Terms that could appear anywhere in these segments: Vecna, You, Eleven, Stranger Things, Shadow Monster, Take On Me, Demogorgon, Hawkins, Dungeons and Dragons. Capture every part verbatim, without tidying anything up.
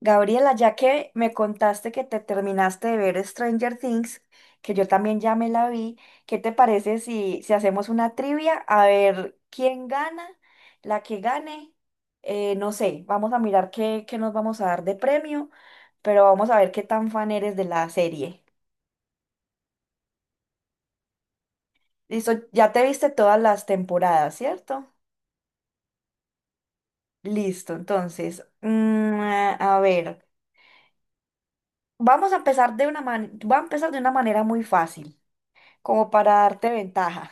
Gabriela, ya que me contaste que te terminaste de ver Stranger Things, que yo también ya me la vi, ¿qué te parece si, si hacemos una trivia? A ver quién gana, la que gane, eh, no sé, vamos a mirar qué, qué nos vamos a dar de premio, pero vamos a ver qué tan fan eres de la serie. Listo, ya te viste todas las temporadas, ¿cierto? Listo, entonces, mm, a ver, vamos a empezar de una man- voy a empezar de una manera muy fácil, como para darte ventaja.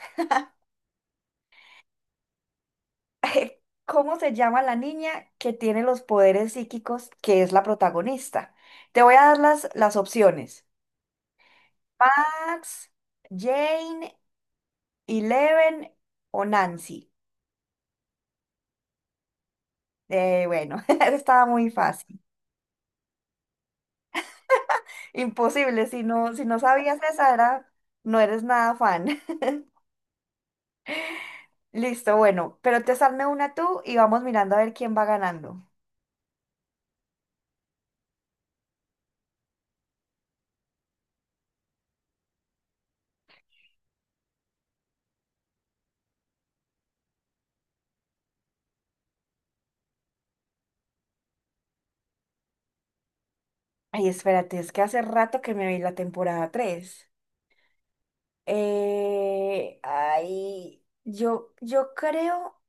¿Cómo se llama la niña que tiene los poderes psíquicos que es la protagonista? Te voy a dar las, las opciones. Max, Jane, Eleven o Nancy. Eh, bueno, esa estaba muy fácil. Imposible, si no, si no sabías esa era, no eres nada fan. Listo, bueno, pero te salme una tú y vamos mirando a ver quién va ganando. Ay, espérate, es que hace rato que me vi la temporada tres. Eh, ay, yo, yo creo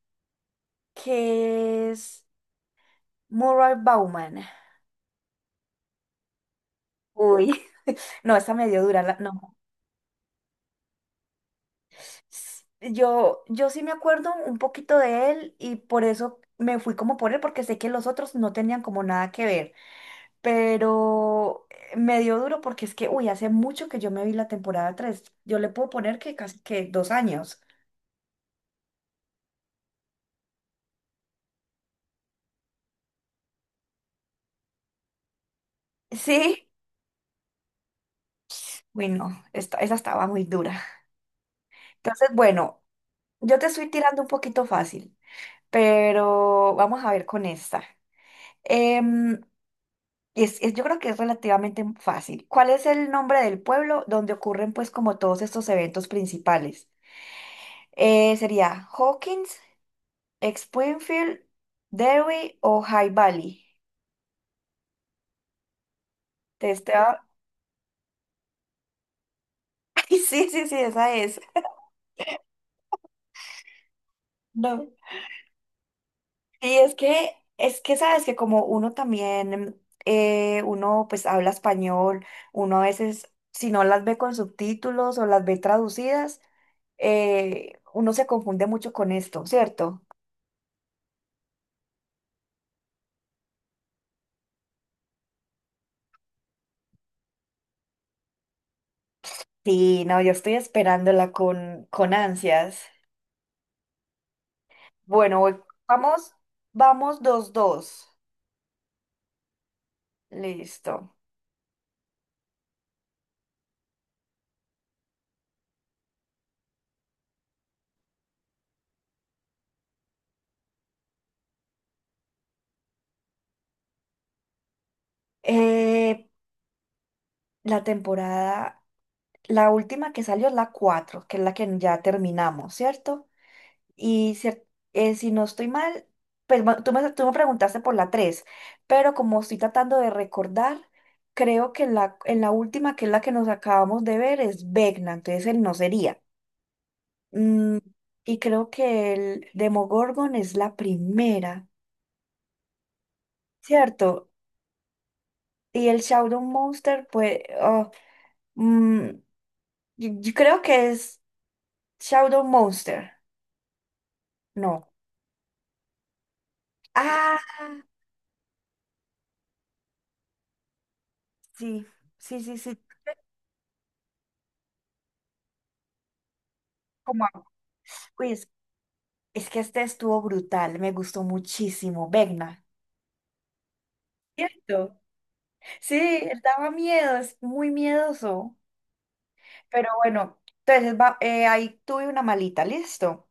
que es moral Bauman. Uy, no, esa me dio dura, la- no. S- Yo, yo sí me acuerdo un poquito de él y por eso me fui como por él, porque sé que los otros no tenían como nada que ver, pero eh, me dio duro porque es que, uy, hace mucho que yo me vi la temporada tres. Yo le puedo poner que casi que dos años. Sí, uy, no, esta- esa estaba muy dura. Entonces, bueno. Yo te estoy tirando un poquito fácil, pero vamos a ver con esta. Em, es, es- yo creo que es relativamente fácil. ¿Cuál es el nombre del pueblo donde ocurren pues como todos estos eventos principales? Eh, ¿sería Hawkins, Springfield, Derry o High Valley? Te estoy... Ay, sí, sí, sí, esa es. No. Sí, es que, es que sabes que como uno también, eh, uno pues habla español, uno a veces, si no las ve con subtítulos o las ve traducidas, eh, uno se confunde mucho con esto, ¿cierto? Sí, no, yo estoy esperándola con, con ansias. Bueno, voy- vamos, vamos dos, dos. Listo. Eh, la temporada, la última que salió es la cuatro, que es la que ya terminamos, ¿cierto? Y cier- eh, si no estoy mal, pues ma- tú me, tú me preguntaste por la tres, pero como estoy tratando de recordar, creo que la, en la última, que es la que nos acabamos de ver, es Vecna, entonces él no sería. Mm, y creo que el Demogorgon es la primera, ¿cierto? Y el Shadow Monster, pues, oh, mm, yo, yo creo que es Shadow Monster, no. Ah, sí, sí, sí, sí. como Uy, es Es que este estuvo brutal, me gustó muchísimo. Vegna. ¿Cierto? Sí, él daba miedo, es muy miedoso. Pero bueno, entonces va- eh, ahí tuve una malita, listo.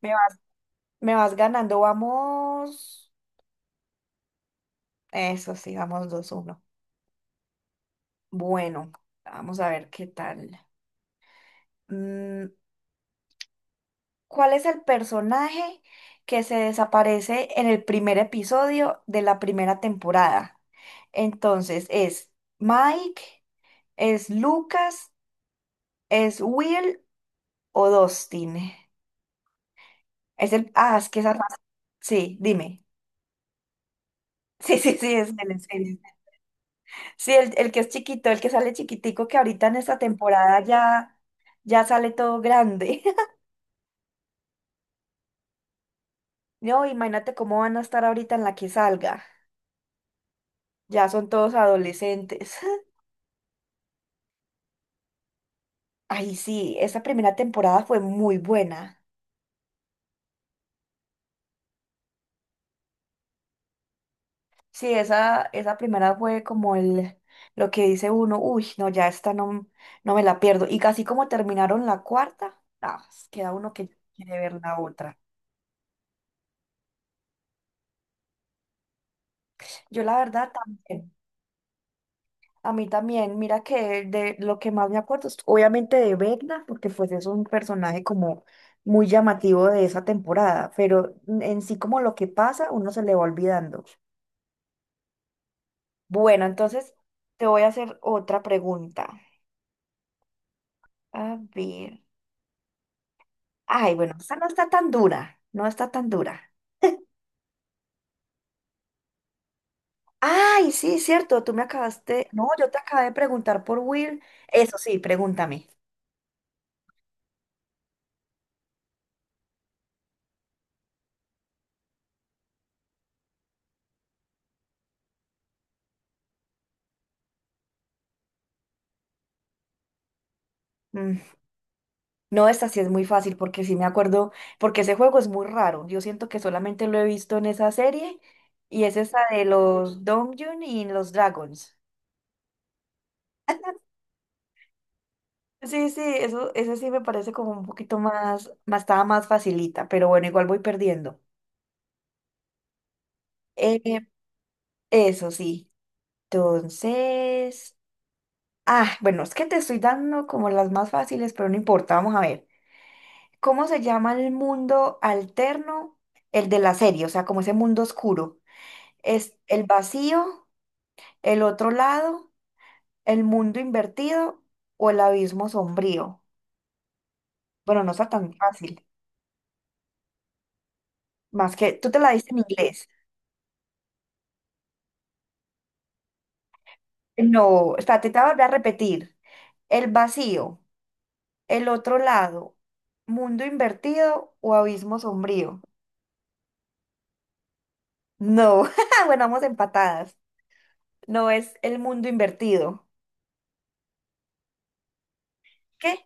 Me vas, me vas ganando, vamos. Eso sí, vamos dos uno. Bueno, vamos a ver qué tal. Mm, ¿cuál es el personaje que se desaparece en el primer episodio de la primera temporada? Entonces, ¿es Mike? ¿Es Lucas, es Will o Dustin? Es el, ah, es que esa raza, sí, dime. Sí, sí, sí, es él, es él. Sí, el, el que es chiquito, el que sale chiquitico, que ahorita en esta temporada ya, ya sale todo grande. No, imagínate cómo van a estar ahorita en la que salga. Ya son todos adolescentes. Ay, sí, esa primera temporada fue muy buena. Sí, esa, esa primera fue como el, lo que dice uno, uy, no, ya esta no, no me la pierdo. Y casi como terminaron la cuarta, ah, queda uno que quiere ver la otra. Yo la verdad también, a mí también, mira que de lo que más me acuerdo es obviamente de Vecna, porque pues es un personaje como muy llamativo de esa temporada, pero en sí como lo que pasa, uno se le va olvidando. Bueno, entonces te voy a hacer otra pregunta. A ver. Ay, bueno, esta no está tan dura, no está tan dura. Ay, sí, cierto, tú me acabaste, no, yo te acabé de preguntar por Will. Eso sí, pregúntame. Mm, No, esta sí es muy fácil porque sí me acuerdo, porque ese juego es muy raro. Yo siento que solamente lo he visto en esa serie y es esa de los Donjun y los Dragons. Sí, sí, eso, ese sí me parece como un poquito más, más, estaba más facilita, pero bueno, igual voy perdiendo. Eh, eso sí. Entonces... Ah, bueno, es que te estoy dando como las más fáciles, pero no importa, vamos a ver. ¿Cómo se llama el mundo alterno? El de la serie, o sea, como ese mundo oscuro. ¿Es el vacío, el otro lado, el mundo invertido o el abismo sombrío? Bueno, no está tan fácil. Más que tú te la diste en inglés. No, espérate, te voy a volver a repetir. El vacío, el otro lado, mundo invertido o abismo sombrío. No, bueno, vamos empatadas. No es el mundo invertido. ¿Qué?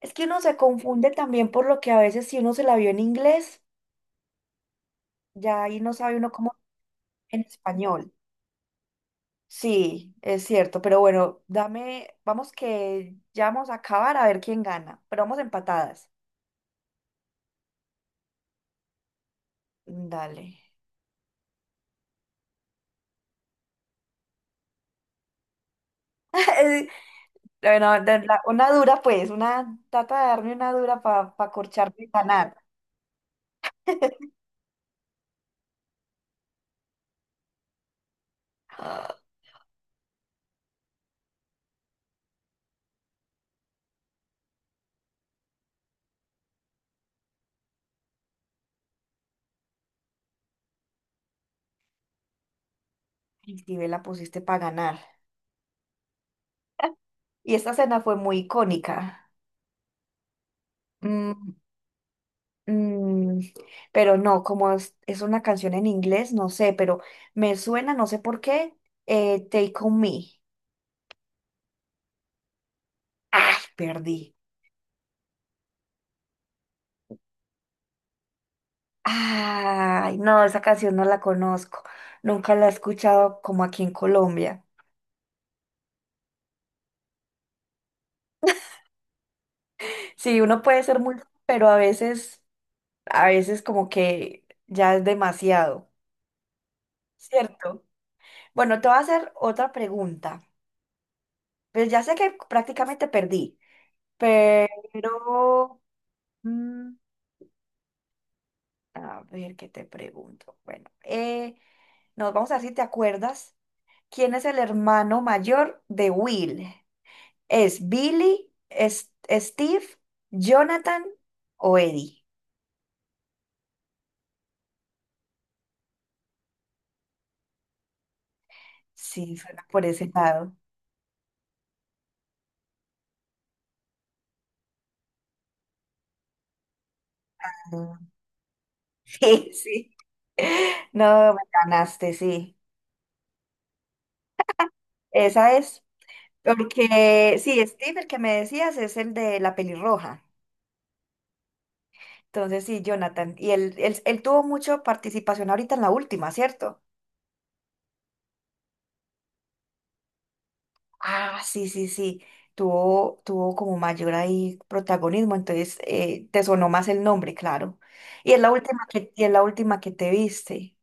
Es que uno se confunde también por lo que a veces si uno se la vio en inglés, ya ahí no sabe uno cómo en español. Sí, es cierto, pero bueno, dame, vamos que ya vamos a acabar a ver quién gana, pero vamos empatadas. Dale. Bueno, de la- una dura pues, una, trata de darme una dura para corcharme y ganar. ¿Y sí, me la pusiste para ganar? Y esta cena fue muy icónica. Mm, Mm, pero no, como es, es una canción en inglés, no sé, pero me suena, no sé por qué, eh, Take On Me. Ay, perdí. Ay, no, esa canción no la conozco. Nunca la he escuchado como aquí en Colombia. Sí, uno puede ser muy, pero a veces, a veces como que ya es demasiado, ¿cierto? Bueno, te voy a hacer otra pregunta. Pues ya sé que prácticamente perdí, pero... mm, a ver, ¿qué te pregunto? Bueno, eh, nos vamos a ver si te acuerdas. ¿Quién es el hermano mayor de Will? ¿Es Billy, es- Steve, Jonathan o Eddie? Sí, suena por ese lado. Ah, sí, sí. No, me ganaste, sí. Esa es. Porque, sí, Steve, el que me decías, es el de la pelirroja. Entonces, sí, Jonathan. Y él, él, él tuvo mucha participación ahorita en la última, ¿cierto? Ah, sí, sí, sí. Tuvo, tuvo como mayor ahí protagonismo, entonces eh, te sonó más el nombre, claro. Y es la última que, y es la última que te viste.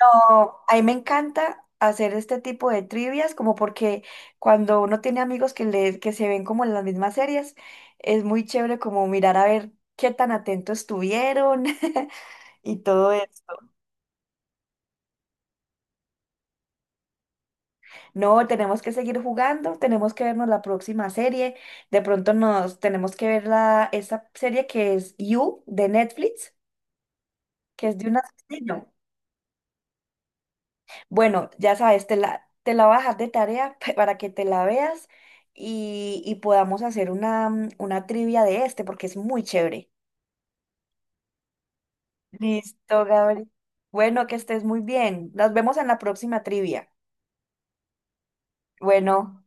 No, a mí me encanta hacer este tipo de trivias, como porque cuando uno tiene amigos que, le, que se ven como en las mismas series, es muy chévere como mirar a ver qué tan atentos estuvieron y todo eso. No, tenemos que seguir jugando, tenemos que vernos la próxima serie. De pronto nos tenemos que ver la, esa serie que es You de Netflix, que es de un asesino. Bueno, ya sabes, te la, te la voy a dejar de tarea para que te la veas y, y podamos hacer una, mm, una trivia de este, porque es muy chévere. Listo, Gabriel. Bueno, que estés muy bien. Nos vemos en la próxima trivia. Bueno.